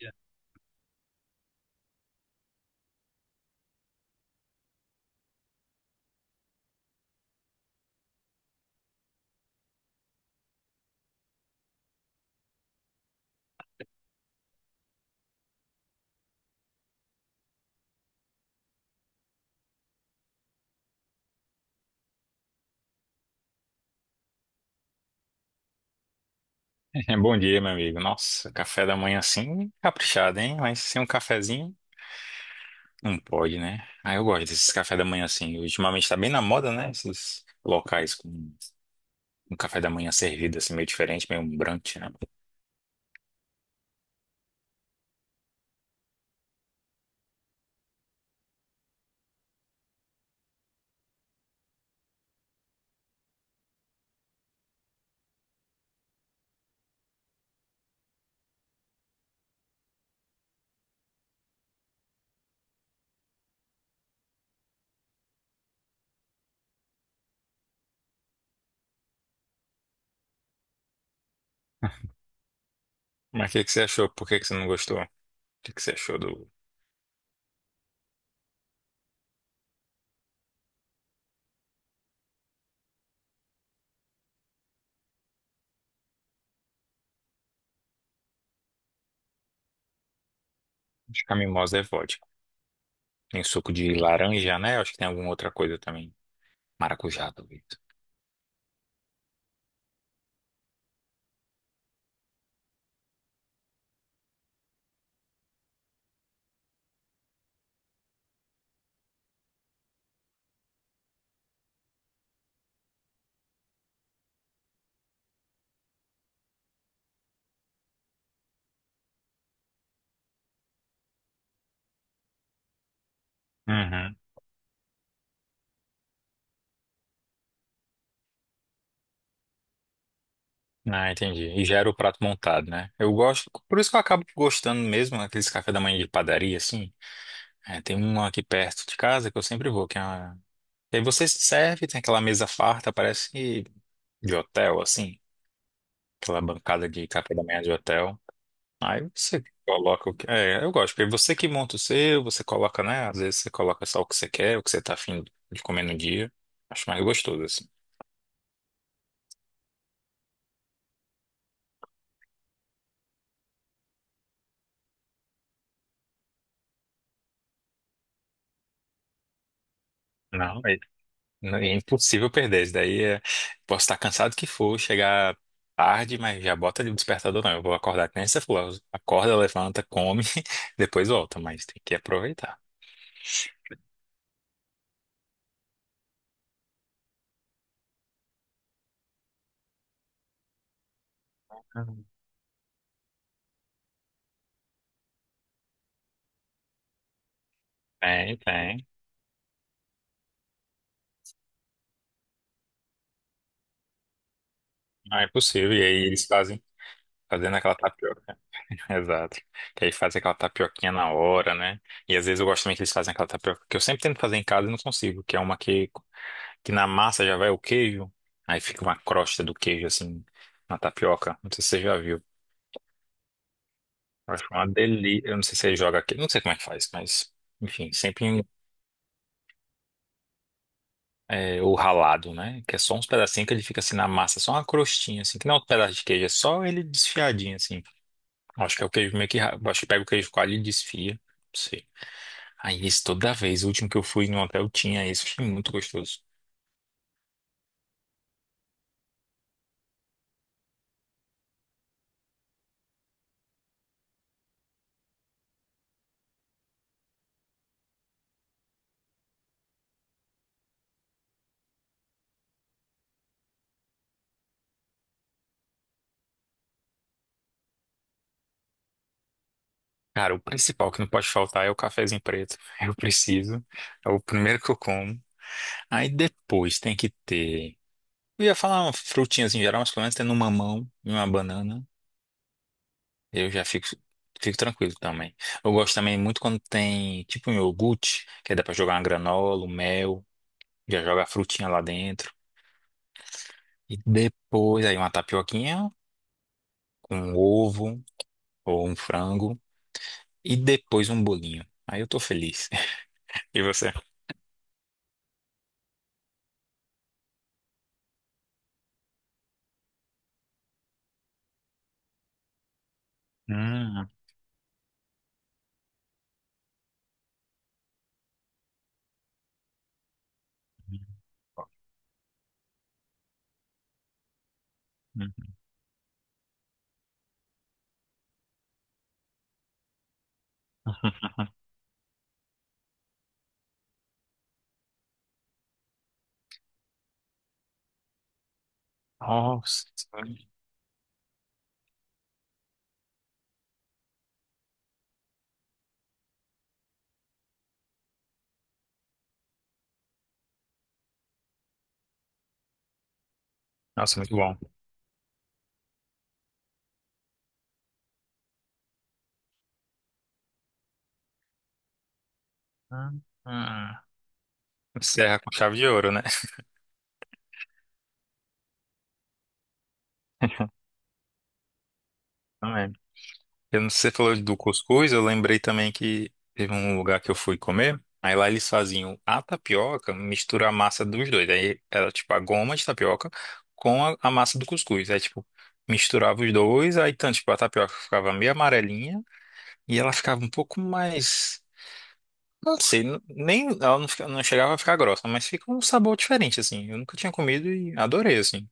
É, bom dia, meu amigo. Nossa, café da manhã assim, caprichado, hein? Mas sem um cafezinho, não pode, né? Ah, eu gosto desses café da manhã assim. Ultimamente tá bem na moda, né? Esses locais com um café da manhã servido assim, meio diferente, meio um brunch, né? Mas o que você achou? Por que você não gostou? O que você achou do... Acho que a mimosa é vodka. Tem suco de laranja, né? Acho que tem alguma outra coisa também. Maracujá, talvez. Uhum. Ah, entendi. E já era o prato montado, né? Eu gosto, por isso que eu acabo gostando mesmo aqueles café da manhã de padaria, assim. É, tem um aqui perto de casa que eu sempre vou, que é uma... E aí você se serve, tem aquela mesa farta, parece de hotel, assim. Aquela bancada de café da manhã de hotel. Aí você coloca o que... É, eu gosto, porque você que monta o seu, você coloca, né? Às vezes você coloca só o que você quer, o que você tá afim de comer no dia. Acho mais gostoso, assim. Não, não, é impossível perder. Isso daí é... posso estar cansado que for, chegar tarde, mas já bota ali o despertador, não. Eu vou acordar que nem você falou. Acorda, levanta, come, depois volta, mas tem que aproveitar. Uhum. Tem, tem. Não é possível. E aí eles fazem fazendo aquela tapioca. Exato. Que aí fazem aquela tapioquinha na hora, né? E às vezes eu gosto também que eles fazem aquela tapioca que eu sempre tento fazer em casa e não consigo, que é uma que na massa já vai o queijo, aí fica uma crosta do queijo assim na tapioca. Não sei se você já viu. Acho uma delícia. Eu não sei se ele joga aqui, não sei como é que faz, mas enfim, sempre em- é, o ralado, né? Que é só uns pedacinhos que ele fica assim na massa, só uma crostinha, assim, que não é um pedaço de queijo, é só ele desfiadinho, assim. Acho que é o queijo meio que. Ra- acho que pega o queijo coalho e desfia. Não sei. Aí isso toda vez, o último que eu fui no hotel tinha isso, achei muito gostoso. Cara, o principal que não pode faltar é o cafezinho preto. Eu preciso. É o primeiro que eu como. Aí depois tem que ter. Eu ia falar uma frutinha assim, em geral, mas pelo menos tendo um mamão e uma banana. Eu já fico, fico tranquilo também. Eu gosto também muito quando tem tipo um iogurte, que aí dá pra jogar uma granola, um mel, já joga a frutinha lá dentro. E depois aí uma tapioquinha com um ovo ou um frango. E depois um bolinho. Aí eu tô feliz. E você? Hum. hum. Nossa, nossa, muito bom. Hum, hum. Encerra com chave de ouro, né? Também. Eu não sei, você falou do cuscuz, eu lembrei também que teve um lugar que eu fui comer, aí lá eles faziam a tapioca, mistura a massa dos dois, aí era tipo a goma de tapioca com a massa do cuscuz, aí tipo, misturava os dois, aí então, tipo, a tapioca ficava meio amarelinha e ela ficava um pouco mais, não sei, nem, ela não, não chegava a ficar grossa, mas fica um sabor diferente, assim, eu nunca tinha comido e adorei, assim.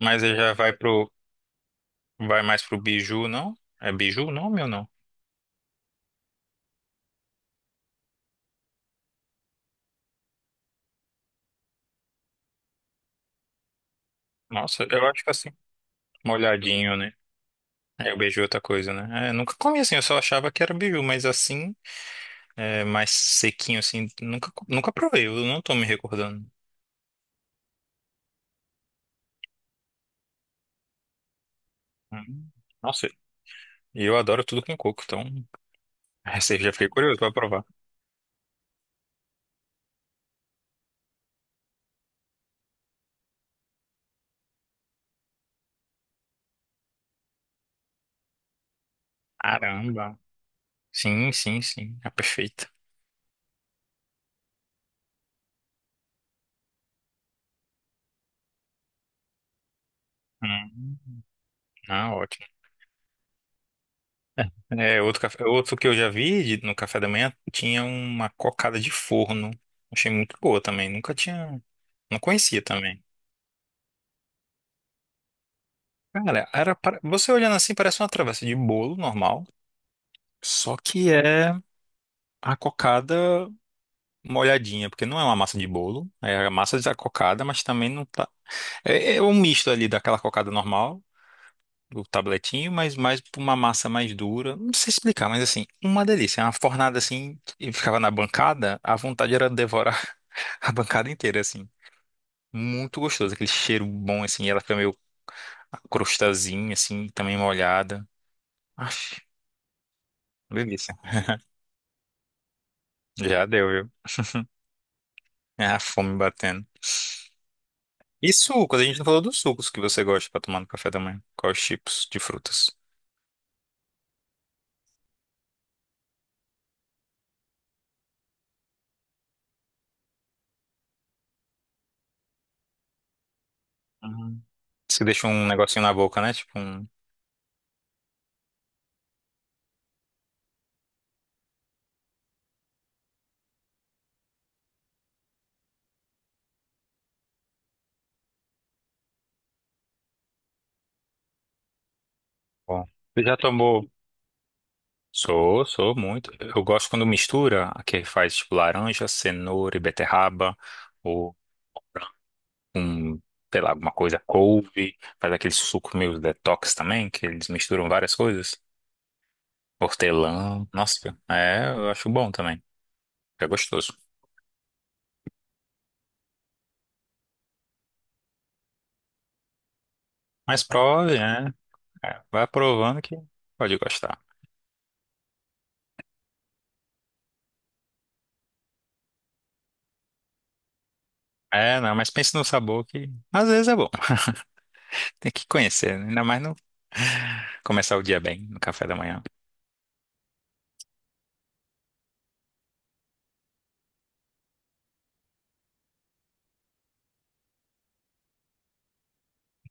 Mas aí já vai pro, vai mais pro biju, não? É biju o nome ou não? Nossa, eu acho que assim, molhadinho, né? É, o beiju é outra coisa, né? É, nunca comi assim, eu só achava que era beiju, mas assim, é, mais sequinho assim, nunca, nunca provei, eu não tô me recordando. Hum, Nossa, e eu adoro tudo com coco, então essa aí já fiquei curioso pra provar. Caramba! Sim, sim, sim, é perfeita. Hum, Ah, ótimo. É, é, outro, outro que eu já vi no café da manhã tinha uma cocada de forno. Achei muito boa também, nunca tinha, não conhecia também. Cara, era você olhando assim parece uma travessa de bolo normal, só que é a cocada molhadinha, porque não é uma massa de bolo, é a massa da cocada, mas também não tá. É, é um misto ali daquela cocada normal, do tabletinho, mas mais pra uma massa mais dura. Não sei explicar, mas assim, uma delícia. É uma fornada assim, e ficava na bancada, a vontade era devorar a bancada inteira, assim. Muito gostoso, aquele cheiro bom, assim, e ela fica meio a crostazinha, assim, também molhada. Aff, delícia. Já deu, viu? É a fome batendo. E sucos? A gente não falou dos sucos que você gosta pra tomar no café da manhã. Quais tipos de frutas? Uhum. Você deixa um negocinho na boca, né? Tipo um. Bom. Você já tomou? Sou, sou muito. Eu gosto quando mistura, que faz tipo laranja, cenoura e beterraba, ou um, sei lá, alguma coisa, couve, faz aquele suco meio detox também, que eles misturam várias coisas. Hortelã, nossa, é, eu acho bom também. É gostoso. Mas prove, né? É, vai provando que pode gostar. É, não, mas pense no sabor que às vezes é bom. Tem que conhecer, né? Ainda mais no começar o dia bem, no café da manhã.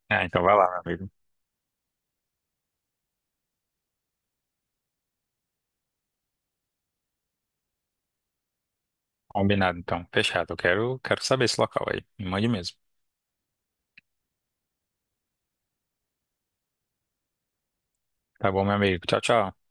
É, então vai lá, meu amigo. Combinado, então. Fechado. Eu quero, quero saber esse local aí. Me mande mesmo. Tá bom, meu amigo. Tchau, tchau.